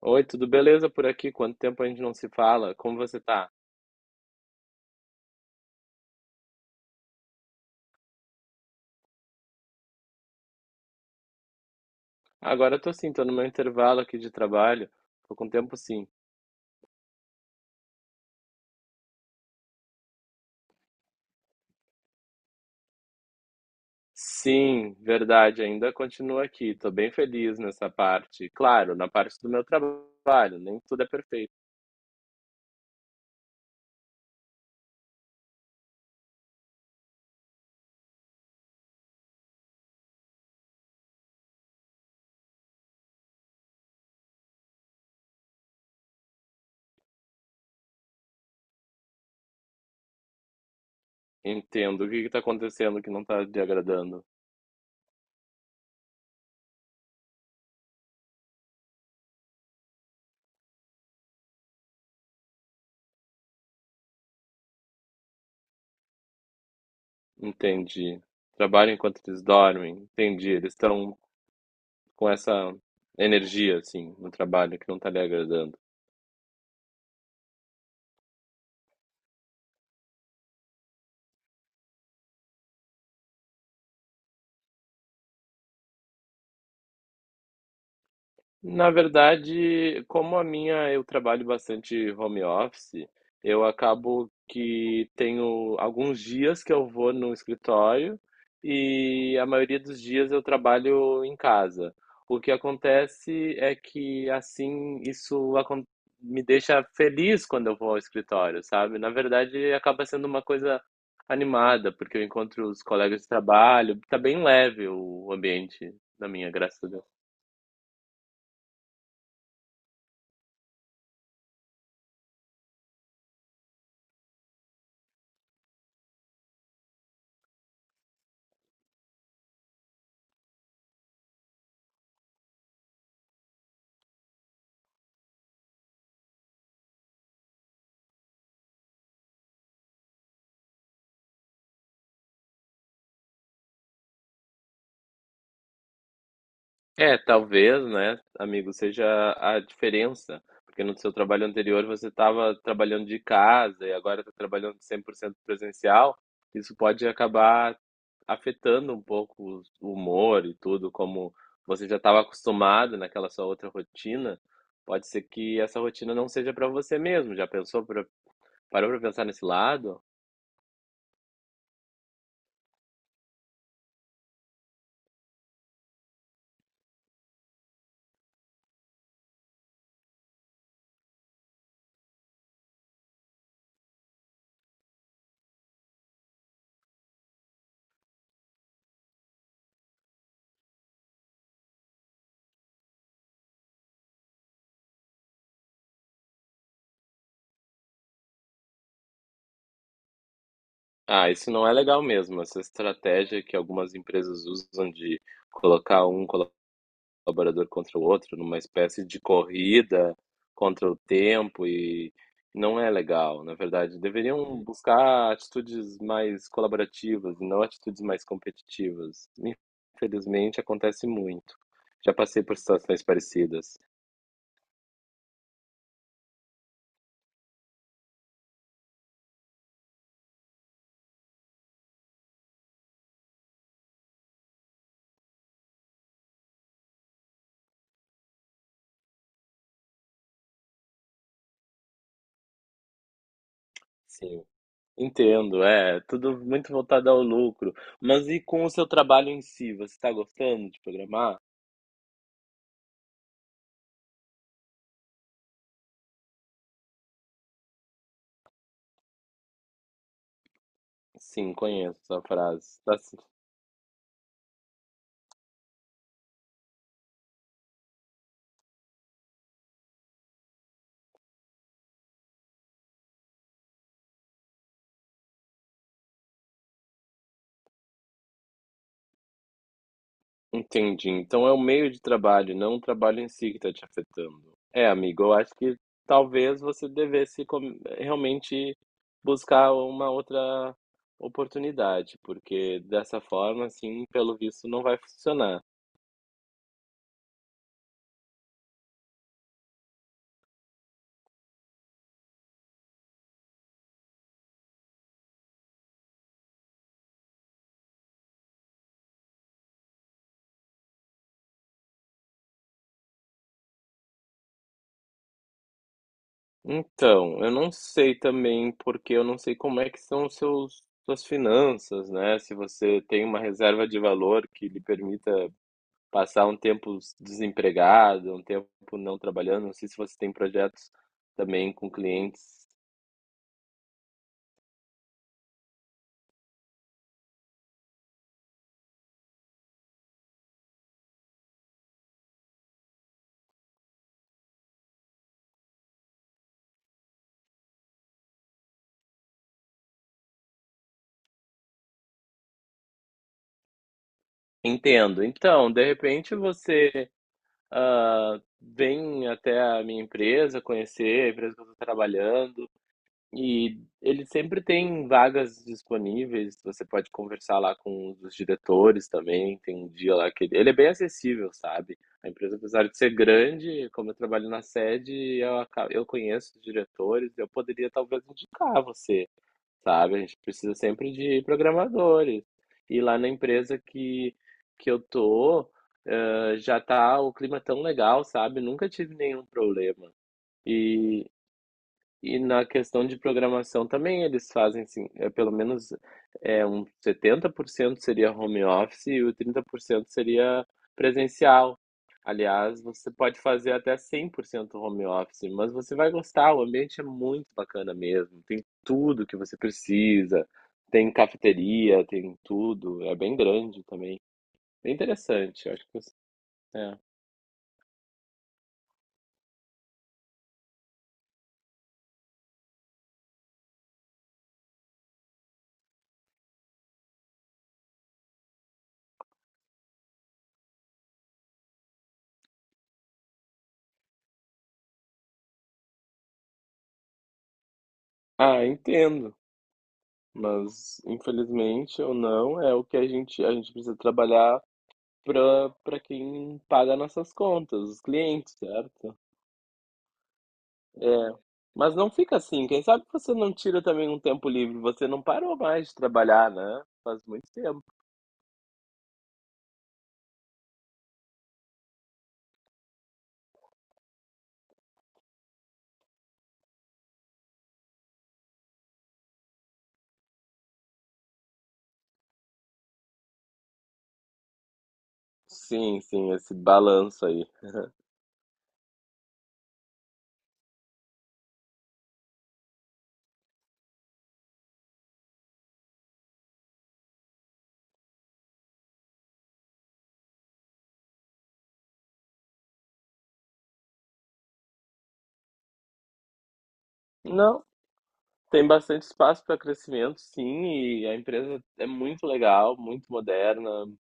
Oi, tudo beleza por aqui? Quanto tempo a gente não se fala? Como você tá? Agora eu tô sim, tô no meu intervalo aqui de trabalho. Tô com tempo sim. Sim, verdade, ainda continuo aqui. Tô bem feliz nessa parte. Claro, na parte do meu trabalho, nem tudo é perfeito. Entendo. O que que tá acontecendo que não tá te agradando? Entendi. Trabalho enquanto eles dormem. Entendi. Eles estão com essa energia, assim, no trabalho que não tá lhe agradando. Na verdade, como a minha eu trabalho bastante home office, eu acabo que tenho alguns dias que eu vou no escritório e a maioria dos dias eu trabalho em casa. O que acontece é que assim me deixa feliz quando eu vou ao escritório, sabe? Na verdade, acaba sendo uma coisa animada, porque eu encontro os colegas de trabalho, tá bem leve o ambiente da minha, graça. É, talvez, né, amigo, seja a diferença, porque no seu trabalho anterior você estava trabalhando de casa e agora está trabalhando 100% presencial. Isso pode acabar afetando um pouco o humor e tudo, como você já estava acostumado naquela sua outra rotina. Pode ser que essa rotina não seja para você mesmo. Parou para pensar nesse lado? Ah, isso não é legal mesmo. Essa estratégia que algumas empresas usam de colocar um colaborador contra o outro, numa espécie de corrida contra o tempo e não é legal, na verdade. Deveriam buscar atitudes mais colaborativas e não atitudes mais competitivas. Infelizmente acontece muito. Já passei por situações parecidas. Sim. Entendo, é tudo muito voltado ao lucro. Mas e com o seu trabalho em si, você está gostando de programar? Sim, conheço essa frase. Tá. Entendi. Então é o meio de trabalho, não o trabalho em si que está te afetando. É, amigo, eu acho que talvez você realmente buscar uma outra oportunidade, porque dessa forma, assim, pelo visto, não vai funcionar. Então, eu não sei também, porque eu não sei como é que são suas finanças, né? Se você tem uma reserva de valor que lhe permita passar um tempo desempregado, um tempo não trabalhando. Não sei se você tem projetos também com clientes. Entendo. Então, de repente você, ah, vem até a minha empresa conhecer a empresa que eu estou trabalhando. E ele sempre tem vagas disponíveis, você pode conversar lá com os diretores também, tem um dia lá que ele é bem acessível, sabe? A empresa, apesar de ser grande, como eu trabalho na sede, eu conheço os diretores, eu poderia talvez indicar você, sabe? A gente precisa sempre de programadores. E lá na empresa que eu tô, já tá o clima tão legal, sabe? Nunca tive nenhum problema. E na questão de programação também eles fazem assim, é pelo menos é 70% seria home office e o 30% seria presencial. Aliás, você pode fazer até 100% home office, mas você vai gostar, o ambiente é muito bacana mesmo. Tem tudo que você precisa, tem cafeteria, tem tudo, é bem grande também. Bem interessante, acho que você... é. Ah, entendo, mas infelizmente ou não, é o que a gente precisa trabalhar para quem paga nossas contas, os clientes, certo? É. Mas não fica assim. Quem sabe você não tira também um tempo livre? Você não parou mais de trabalhar, né? Faz muito tempo. Sim, sim, esse balanço aí. Não, tem bastante espaço para crescimento, sim, e a empresa é muito legal, muito moderna,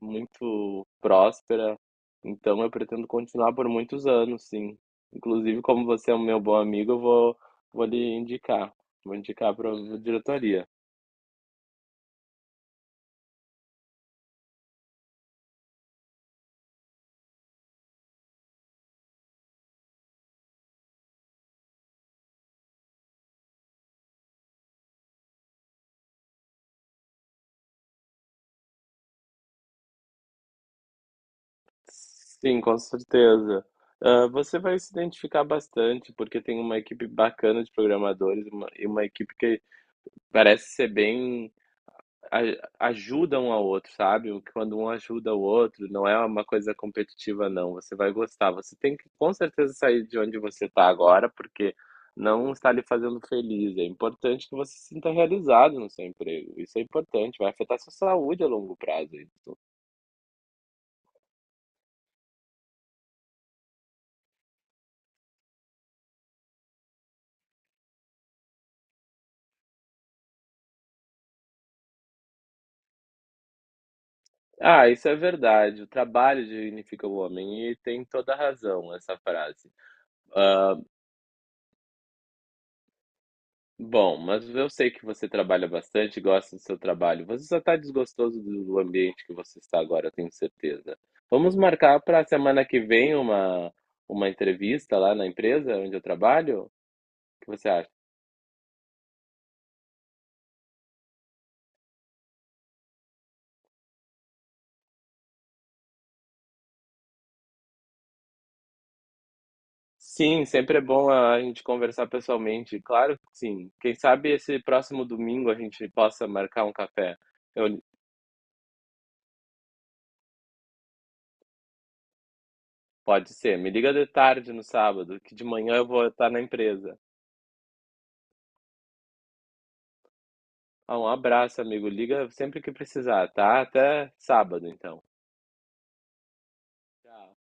muito próspera. Então eu pretendo continuar por muitos anos, sim. Inclusive, como você é um meu bom amigo, vou lhe indicar. Vou indicar para a diretoria. Sim, com certeza. Ah, você vai se identificar bastante, porque tem uma equipe bacana de e uma equipe que parece ser bem ajuda um ao outro, sabe? Quando um ajuda o outro, não é uma coisa competitiva, não. Você vai gostar. Você tem que com certeza sair de onde você está agora, porque não está lhe fazendo feliz. É importante que você se sinta realizado no seu emprego. Isso é importante, vai afetar sua saúde a longo prazo. Isso. Ah, isso é verdade. O trabalho dignifica o homem e tem toda a razão essa frase. Ah, bom, mas eu sei que você trabalha bastante, gosta do seu trabalho. Você só está desgostoso do ambiente que você está agora, eu tenho certeza. Vamos marcar para a semana que vem uma entrevista lá na empresa onde eu trabalho? O que você acha? Sim, sempre é bom a gente conversar pessoalmente. Claro que sim. Quem sabe esse próximo domingo a gente possa marcar um café. Eu, pode ser. Me liga de tarde no sábado, que de manhã eu vou estar na empresa. Ah, um abraço, amigo. Liga sempre que precisar, tá? Até sábado, então. Tchau.